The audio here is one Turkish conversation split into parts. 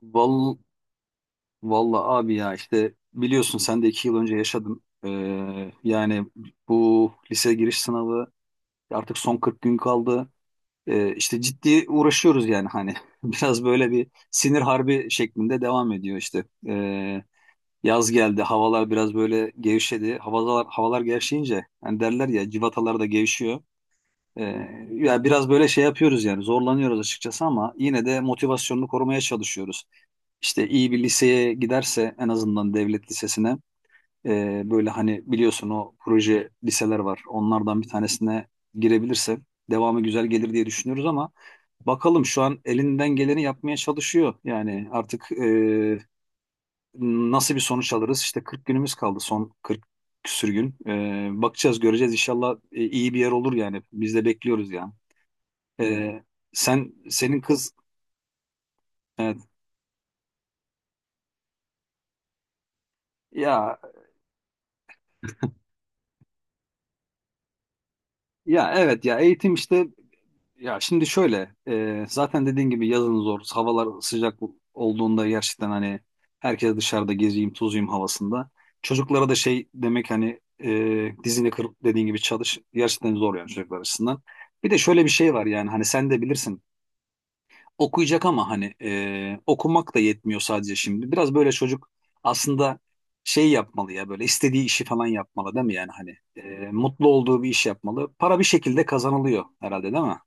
Val, valla abi ya işte biliyorsun sen de iki yıl önce yaşadın. Yani bu lise giriş sınavı artık son 40 gün kaldı. İşte ciddi uğraşıyoruz yani hani biraz böyle bir sinir harbi şeklinde devam ediyor işte. Yaz geldi havalar biraz böyle gevşedi. Havalar, havalar gevşeyince hani derler ya civatalar da gevşiyor. Ya, biraz böyle şey yapıyoruz, yani zorlanıyoruz açıkçası ama yine de motivasyonunu korumaya çalışıyoruz. İşte iyi bir liseye giderse, en azından devlet lisesine böyle hani biliyorsun, o proje liseler var. Onlardan bir tanesine girebilirse devamı güzel gelir diye düşünüyoruz ama bakalım, şu an elinden geleni yapmaya çalışıyor. Yani artık nasıl bir sonuç alırız? İşte 40 günümüz kaldı, son 40 küsür gün. Bakacağız, göreceğiz, inşallah iyi bir yer olur yani. Biz de bekliyoruz yani. Ee, senin kız. Evet. Ya, ya evet, ya eğitim işte. Ya, şimdi şöyle, zaten dediğin gibi yazın zor, havalar sıcak olduğunda gerçekten hani herkes dışarıda gezeyim tozuyum havasında, çocuklara da şey demek, hani dizini kırıp dediğin gibi çalış, gerçekten zor yani çocuklar açısından. Bir de şöyle bir şey var yani hani sen de bilirsin, okuyacak ama hani okumak da yetmiyor sadece şimdi. Biraz böyle çocuk aslında şey yapmalı ya, böyle istediği işi falan yapmalı, değil mi? Yani hani mutlu olduğu bir iş yapmalı. Para bir şekilde kazanılıyor herhalde, değil mi?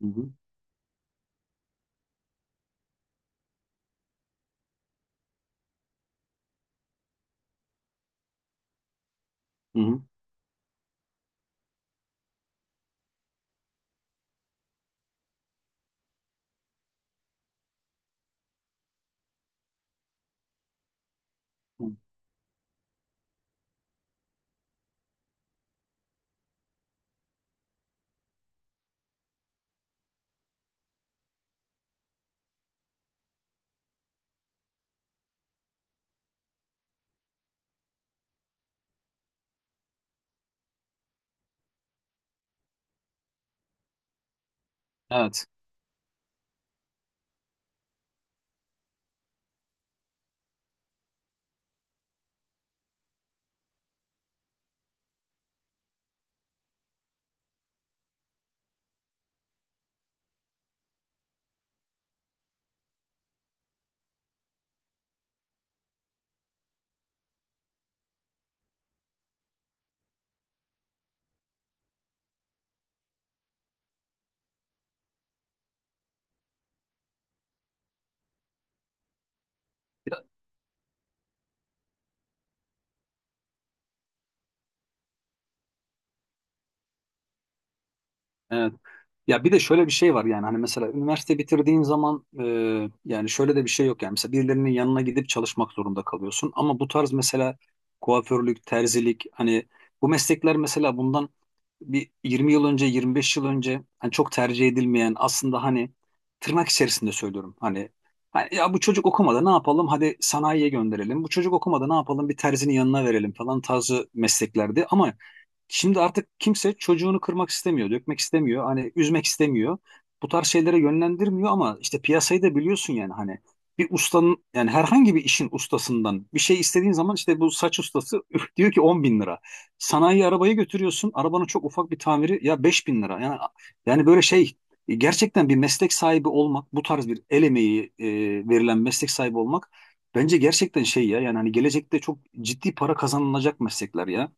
Hı hı. Hı hı. Evet. Evet. Ya bir de şöyle bir şey var yani hani mesela üniversite bitirdiğin zaman yani şöyle de bir şey yok yani, mesela birilerinin yanına gidip çalışmak zorunda kalıyorsun ama bu tarz mesela kuaförlük, terzilik, hani bu meslekler mesela bundan bir 20 yıl önce, 25 yıl önce hani çok tercih edilmeyen, aslında hani tırnak içerisinde söylüyorum hani, hani ya bu çocuk okumadı ne yapalım hadi sanayiye gönderelim, bu çocuk okumadı ne yapalım bir terzinin yanına verelim falan tarzı mesleklerdi ama şimdi artık kimse çocuğunu kırmak istemiyor, dökmek istemiyor, hani üzmek istemiyor. Bu tarz şeylere yönlendirmiyor ama işte piyasayı da biliyorsun yani hani bir ustanın, yani herhangi bir işin ustasından bir şey istediğin zaman, işte bu saç ustası üf, diyor ki 10.000 lira. Sanayi arabayı götürüyorsun, arabanın çok ufak bir tamiri ya 5.000 lira. Yani, yani böyle şey, gerçekten bir meslek sahibi olmak, bu tarz bir el emeği verilen meslek sahibi olmak bence gerçekten şey ya, yani hani gelecekte çok ciddi para kazanılacak meslekler ya.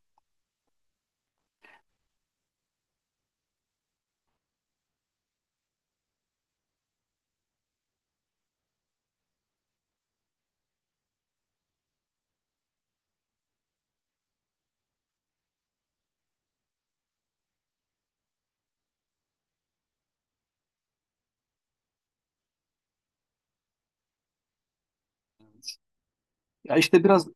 Ya işte biraz.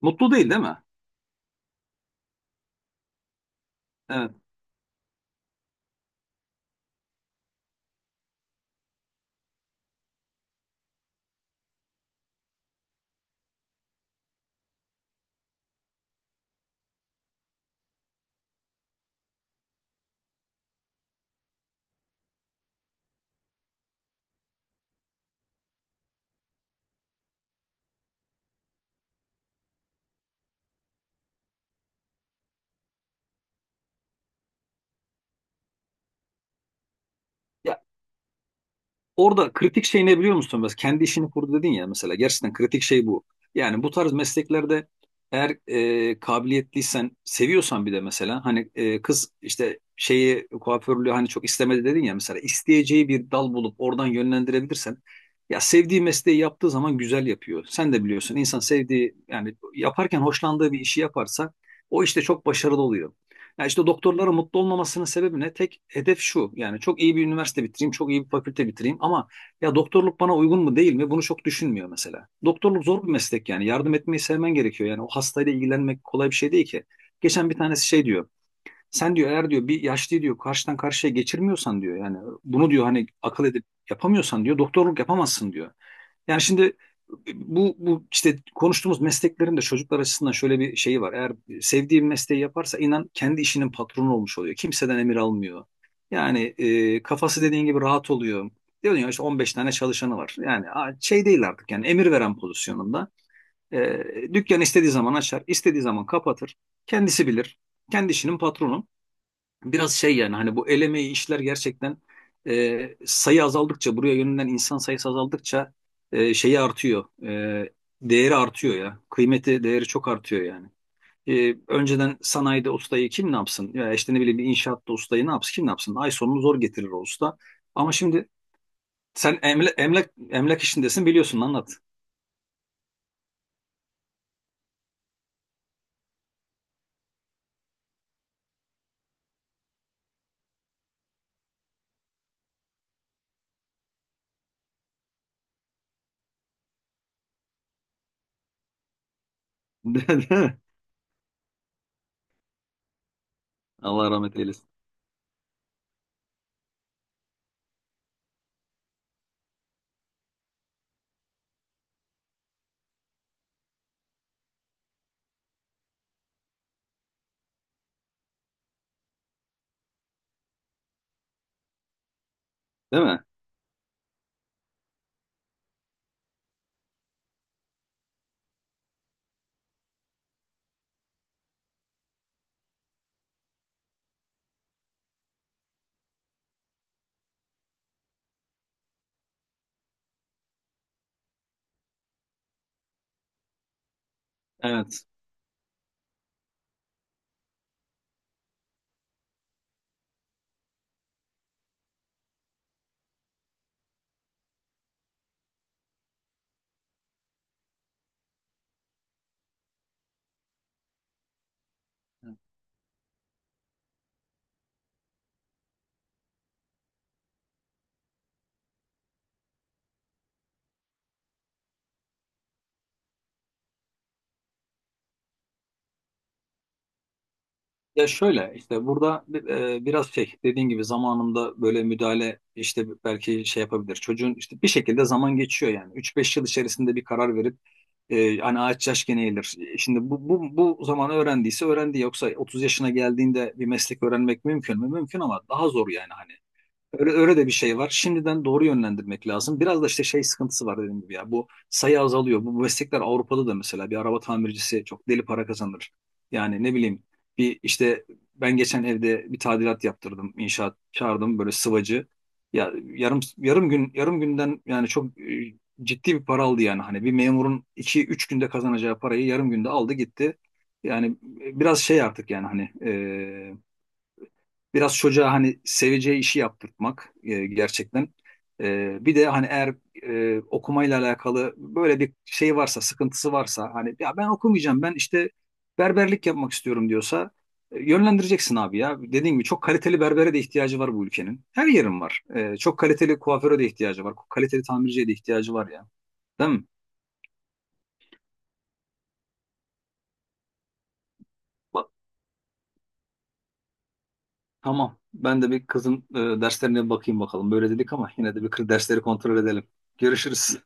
Mutlu değil, değil mi? Evet. Ya, orada kritik şey ne biliyor musun? Mesela kendi işini kurdu dedin ya mesela. Gerçekten kritik şey bu. Yani bu tarz mesleklerde eğer kabiliyetliysen, seviyorsan, bir de mesela hani kız işte şeyi, kuaförlüğü hani çok istemedi dedin ya, mesela isteyeceği bir dal bulup oradan yönlendirebilirsen, ya sevdiği mesleği yaptığı zaman güzel yapıyor. Sen de biliyorsun, insan sevdiği, yani yaparken hoşlandığı bir işi yaparsa o işte çok başarılı oluyor. Ya işte doktorların mutlu olmamasının sebebi ne? Tek hedef şu. Yani çok iyi bir üniversite bitireyim, çok iyi bir fakülte bitireyim ama ya doktorluk bana uygun mu değil mi? Bunu çok düşünmüyor mesela. Doktorluk zor bir meslek yani. Yardım etmeyi sevmen gerekiyor. Yani o hastayla ilgilenmek kolay bir şey değil ki. Geçen bir tanesi şey diyor. Sen diyor eğer diyor bir yaşlıyı diyor karşıdan karşıya geçirmiyorsan diyor, yani bunu diyor hani akıl edip yapamıyorsan diyor doktorluk yapamazsın diyor. Yani şimdi bu işte konuştuğumuz mesleklerin de çocuklar açısından şöyle bir şeyi var. Eğer sevdiği bir mesleği yaparsa, inan, kendi işinin patronu olmuş oluyor. Kimseden emir almıyor. Yani kafası dediğin gibi rahat oluyor. Diyorsun ya işte 15 tane çalışanı var. Yani a- şey değil artık yani, emir veren pozisyonunda. E, Dükkan istediği zaman açar, istediği zaman kapatır. Kendisi bilir. Kendi işinin patronu, biraz şey yani hani, bu el emeği işler gerçekten sayı azaldıkça, buraya yönelen insan sayısı azaldıkça şeyi artıyor. Değeri artıyor ya. Kıymeti, değeri çok artıyor yani. Önceden sanayide ustayı kim ne yapsın? Ya işte ne bileyim, bir inşaatta ustayı ne yapsın? Kim ne yapsın? Ay sonunu zor getirir o usta. Ama şimdi sen emlak işindesin, biliyorsun, anlat. Değil mi? Allah rahmet eylesin. Değil mi? Evet. Ya, şöyle işte, burada biraz şey dediğin gibi, zamanında böyle müdahale işte belki şey yapabilir. Çocuğun işte bir şekilde zaman geçiyor yani. Üç beş yıl içerisinde bir karar verip hani ağaç yaş gene eğilir. Şimdi bu zaman öğrendiyse öğrendi. Yoksa 30 yaşına geldiğinde bir meslek öğrenmek mümkün mü? Mümkün ama daha zor yani hani. Öyle, öyle de bir şey var. Şimdiden doğru yönlendirmek lazım. Biraz da işte şey sıkıntısı var dediğim gibi ya. Bu sayı azalıyor. Bu meslekler Avrupa'da da, mesela bir araba tamircisi çok deli para kazanır. Yani ne bileyim, bir işte, ben geçen evde bir tadilat yaptırdım. İnşaat çağırdım, böyle sıvacı. Ya yarım yarım gün, yarım günden yani çok ciddi bir para aldı yani. Hani bir memurun iki üç günde kazanacağı parayı yarım günde aldı gitti. Yani biraz şey artık yani hani, biraz çocuğa hani seveceği işi yaptırtmak gerçekten. Bir de hani eğer okumayla alakalı böyle bir şey varsa, sıkıntısı varsa, hani ya ben okumayacağım, ben işte berberlik yapmak istiyorum diyorsa yönlendireceksin abi ya. Dediğim gibi çok kaliteli berbere de ihtiyacı var bu ülkenin. Her yerin var. Çok kaliteli kuaföre de ihtiyacı var. Kaliteli tamirciye de ihtiyacı var ya. Değil mi? Bak. Tamam. Ben de bir kızın derslerine bakayım bakalım. Böyle dedik ama yine de bir kız dersleri kontrol edelim. Görüşürüz.